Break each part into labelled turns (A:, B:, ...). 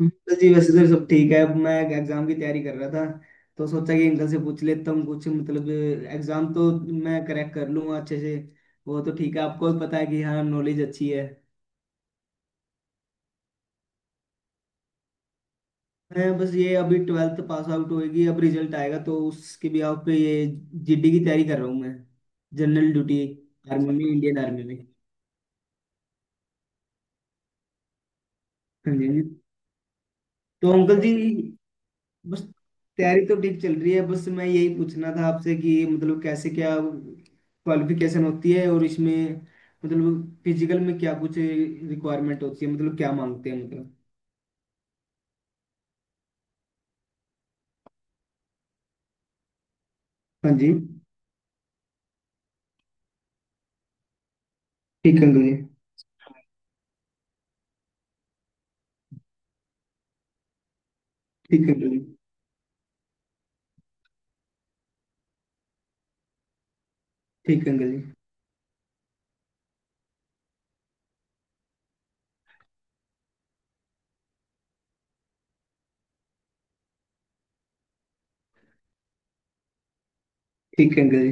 A: बस जी, वैसे तो सब ठीक है। अब मैं एग्जाम की तैयारी कर रहा था तो सोचा कि अंकल से पूछ लेता हूँ कुछ। मतलब एग्जाम तो मैं क्रैक कर लूंगा अच्छे से। वो तो ठीक है, आपको भी पता है कि हाँ नॉलेज अच्छी है। मैं बस ये अभी 12th पास आउट होगी, अब रिजल्ट आएगा तो उसके भी आप पे ये जीडी की तैयारी कर रहा हूँ मैं। General duty. आर्मी में, इंडियन आर्मी में। हाँ जी, हाँ जी। तो अंकल जी, बस तैयारी तो ठीक चल रही है। बस मैं यही पूछना था आपसे कि मतलब कैसे, क्या क्वालिफिकेशन होती है और इसमें मतलब फिजिकल में क्या कुछ रिक्वायरमेंट होती है, मतलब क्या मांगते हैं मतलब। हाँ जी। ठीक अंकल जी। ठीक अंकल जी। ठीक अंकल जी। ठीक अंकल जी।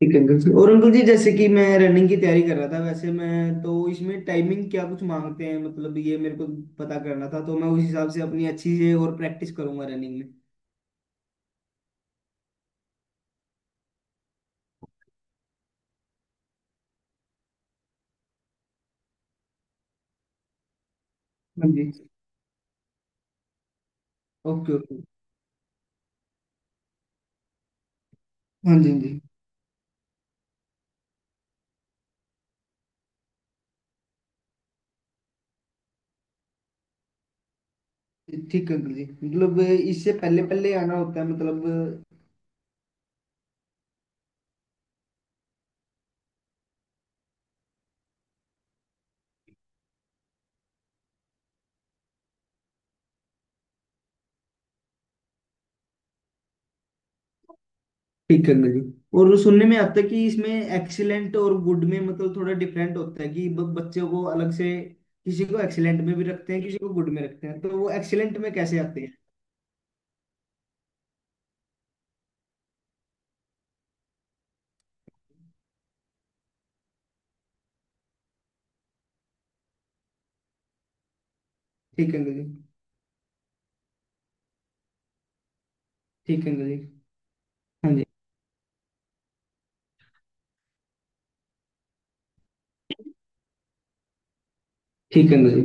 A: ठीक अंकल जी। और अंकल जी, जैसे कि मैं रनिंग की तैयारी कर रहा था, वैसे मैं तो इसमें टाइमिंग क्या कुछ मांगते हैं, मतलब ये मेरे को पता करना था, तो मैं उस हिसाब से अपनी अच्छी से और प्रैक्टिस करूंगा रनिंग में। हाँ जी। Okay, okay. हाँ जी, हाँ जी। ठीक है अंकल जी, मतलब इससे पहले पहले आना होता है मतलब। ठीक है अंकल जी। और सुनने में आता है कि इसमें एक्सीलेंट और गुड में मतलब थोड़ा डिफरेंट होता है कि बच्चों को अलग से किसी को एक्सीलेंट में भी रखते हैं, किसी को गुड में रखते हैं, तो वो एक्सीलेंट में कैसे आते हैं? ठीक है अंकल जी। ठीक है अंकल जी। हाँ जी। ठीक है अंकल जी।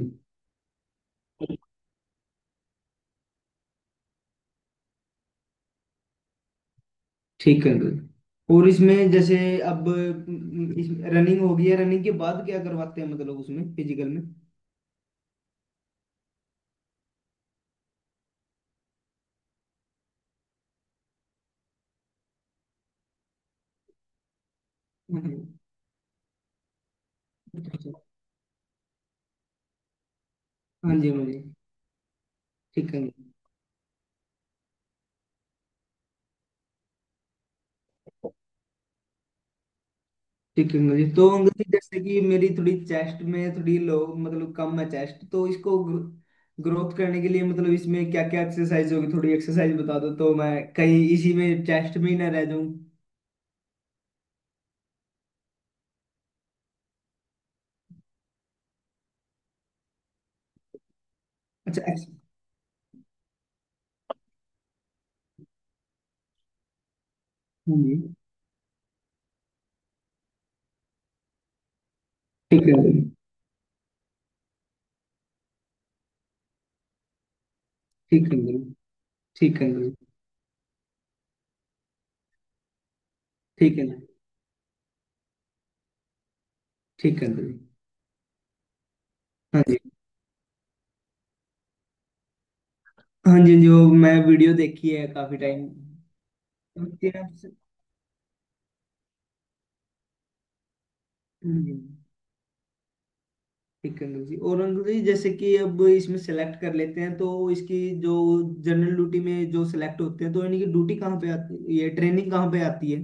A: ठीक है अंकल जी। और इसमें जैसे अब इस रनिंग हो गई है, रनिंग के बाद क्या करवाते हैं, मतलब उसमें फिजिकल में। हाँ जी, हाँ जी। हाँ जी। ठीक है अंकल जी। ठीक अंग्रेजी, तो अंग्रेजी जैसे कि मेरी थोड़ी चेस्ट में थोड़ी लो, मतलब कम है चेस्ट, तो इसको ग्रोथ करने के लिए मतलब इसमें क्या क्या एक्सरसाइज होगी? थोड़ी एक्सरसाइज बता दो तो मैं कहीं इसी में चेस्ट में ही ना रह जाऊं। अच्छा हाँ जी। ठीक है अंग्रेजी। ठीक है अंग्रेजी। ठीक है अंग्रेजी। ठीक है अंग्रेजी। ठीक है अंग्रेजी। हाँ जी। हाँ जी, जो मैं वीडियो देखी है काफी टाइम। हाँ जी। ठीक है अंकल जी। और अंकल जी, जैसे कि अब इसमें सेलेक्ट कर लेते हैं, तो इसकी जो जनरल ड्यूटी में जो सेलेक्ट होते हैं, तो इनकी ड्यूटी कहाँ पे आती है, ये ट्रेनिंग कहाँ पे आती है?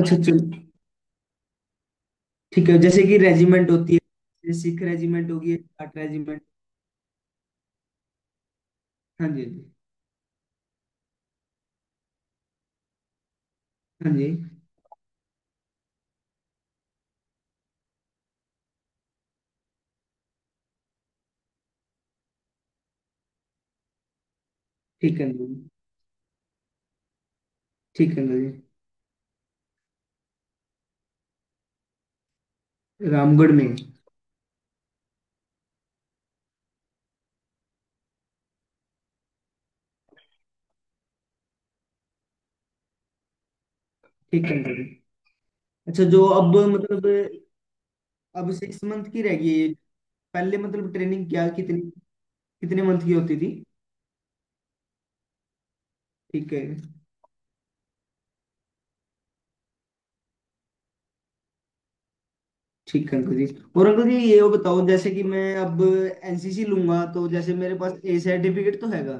A: अच्छा चल। ठीक है, जैसे कि रेजिमेंट होती है, जैसे सिख रेजिमेंट होगी, जाट रेजिमेंट। हाँ जी। हाँ जी। ठीक है अंकल जी। ठीक है अंकल जी। रामगढ़ में है। ठीक है अंकल जी। अच्छा जो अब मतलब अब 6 मंथ की रह गई है ये। पहले मतलब ट्रेनिंग क्या कितनी कितने मंथ की होती थी? ठीक है। ठीक है अंकल जी। और अंकल जी, ये वो बताओ, जैसे कि मैं अब एनसीसी लूंगा तो जैसे मेरे पास ए सर्टिफिकेट तो हैगा।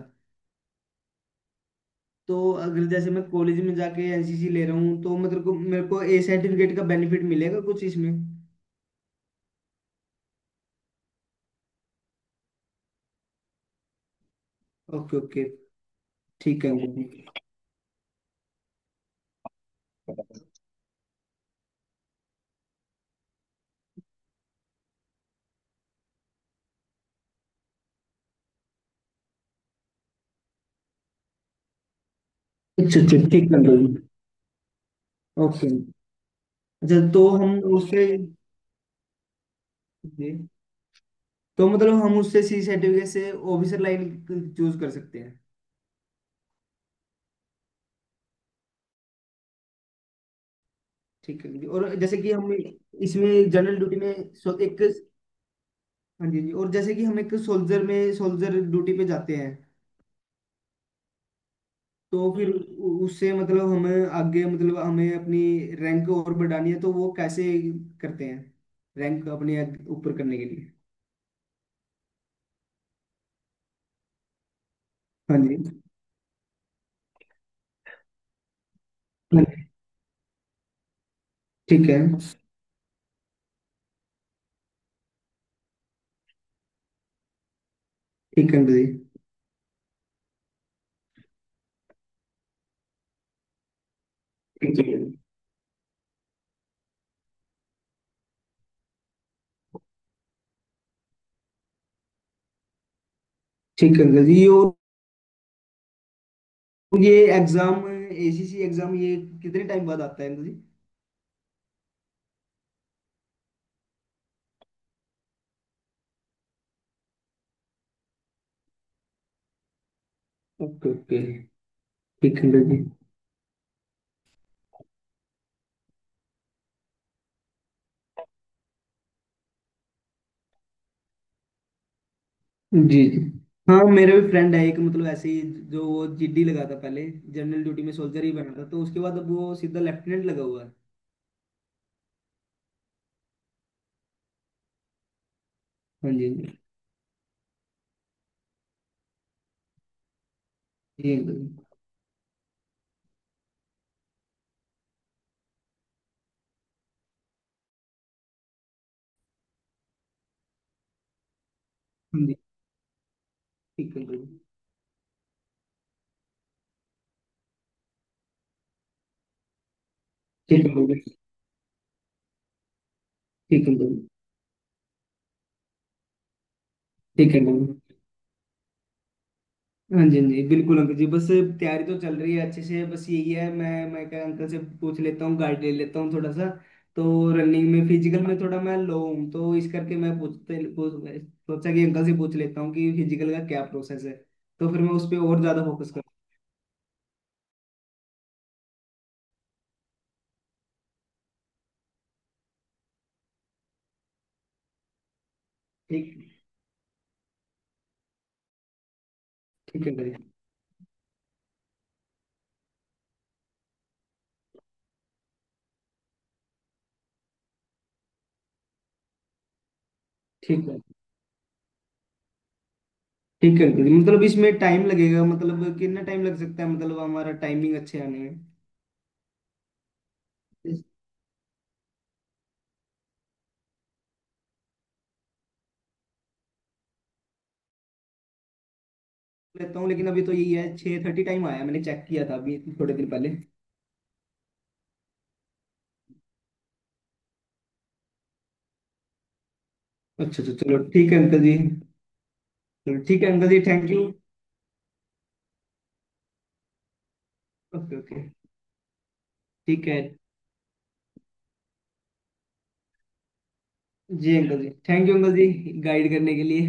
A: तो अगर जैसे मैं कॉलेज में जाके एनसीसी ले रहा हूँ तो मतलब को मेरे को ए सर्टिफिकेट का बेनिफिट मिलेगा कुछ इसमें? Okay, okay. ठीक है अंकल जी। अच्छा, अच्छा, ठीक है अंकल जी। ओके। अच्छा तो हम उससे। जी। तो मतलब हम उससे सी सर्टिफिकेट से ऑफिसर लाइन चूज कर सकते हैं? ठीक है अंकल जी। और जैसे कि हम इसमें जनरल ड्यूटी में एक। हाँ जी, जी। और जैसे कि हम एक सोल्जर में सोल्जर ड्यूटी पे जाते हैं, तो फिर उससे मतलब हमें आगे मतलब हमें अपनी रैंक और बढ़ानी है, तो वो कैसे करते हैं? रैंक अपने ऊपर करने के लिए। हाँ जी, हाँ जी। ठीक है। ठीक है अंकल जी। ठीक है। ठीक है अंकल जी। ये और ये एग्जाम, एसीसी एग्जाम, ये कितने टाइम बाद आता है अंकल जी? Okay, okay. ठीक है अंकल जी। जी। जी, हाँ मेरे भी फ्रेंड है एक, मतलब ऐसे ही जो वो जीडी लगा था पहले, जनरल ड्यूटी में सोल्जर ही बना था, तो उसके बाद अब वो सीधा लेफ्टिनेंट लगा हुआ है। हाँ जी, जी। जी अंकल जी। हाँ जी। ठीक है अंकल जी। ठीक है अंकल जी। ठीक है अंकल जी। ठीक है अंकल जी। हाँ जी, हाँ जी, बिल्कुल अंकल जी। बस तैयारी तो चल रही है अच्छे से। बस यही है मैं क्या अंकल से पूछ लेता हूँ, गाइड ले लेता हूँ थोड़ा सा। तो रनिंग में फिजिकल में थोड़ा मैं लो हूँ, तो इस करके मैं सोचा कि अंकल से पूछ लेता हूँ कि फिजिकल का क्या प्रोसेस है, तो फिर मैं उस पर और ज्यादा फोकस। ठीक। ठीक है भाई। ठीक है। ठीक है अंकल जी, मतलब इसमें टाइम लगेगा मतलब कितना टाइम लग सकता है मतलब हमारा टाइमिंग अच्छे आने में? इस- लेता हूँ, लेकिन अभी तो यही है, 6:30 टाइम आया, मैंने चेक किया था अभी थोड़े दिन पहले। अच्छा, अच्छा, चलो ठीक है अंकल जी। चलो ठीक है अंकल जी, थैंक यू। Okay, okay. ठीक है। जी अंकल जी, थैंक यू अंकल जी, गाइड करने के लिए।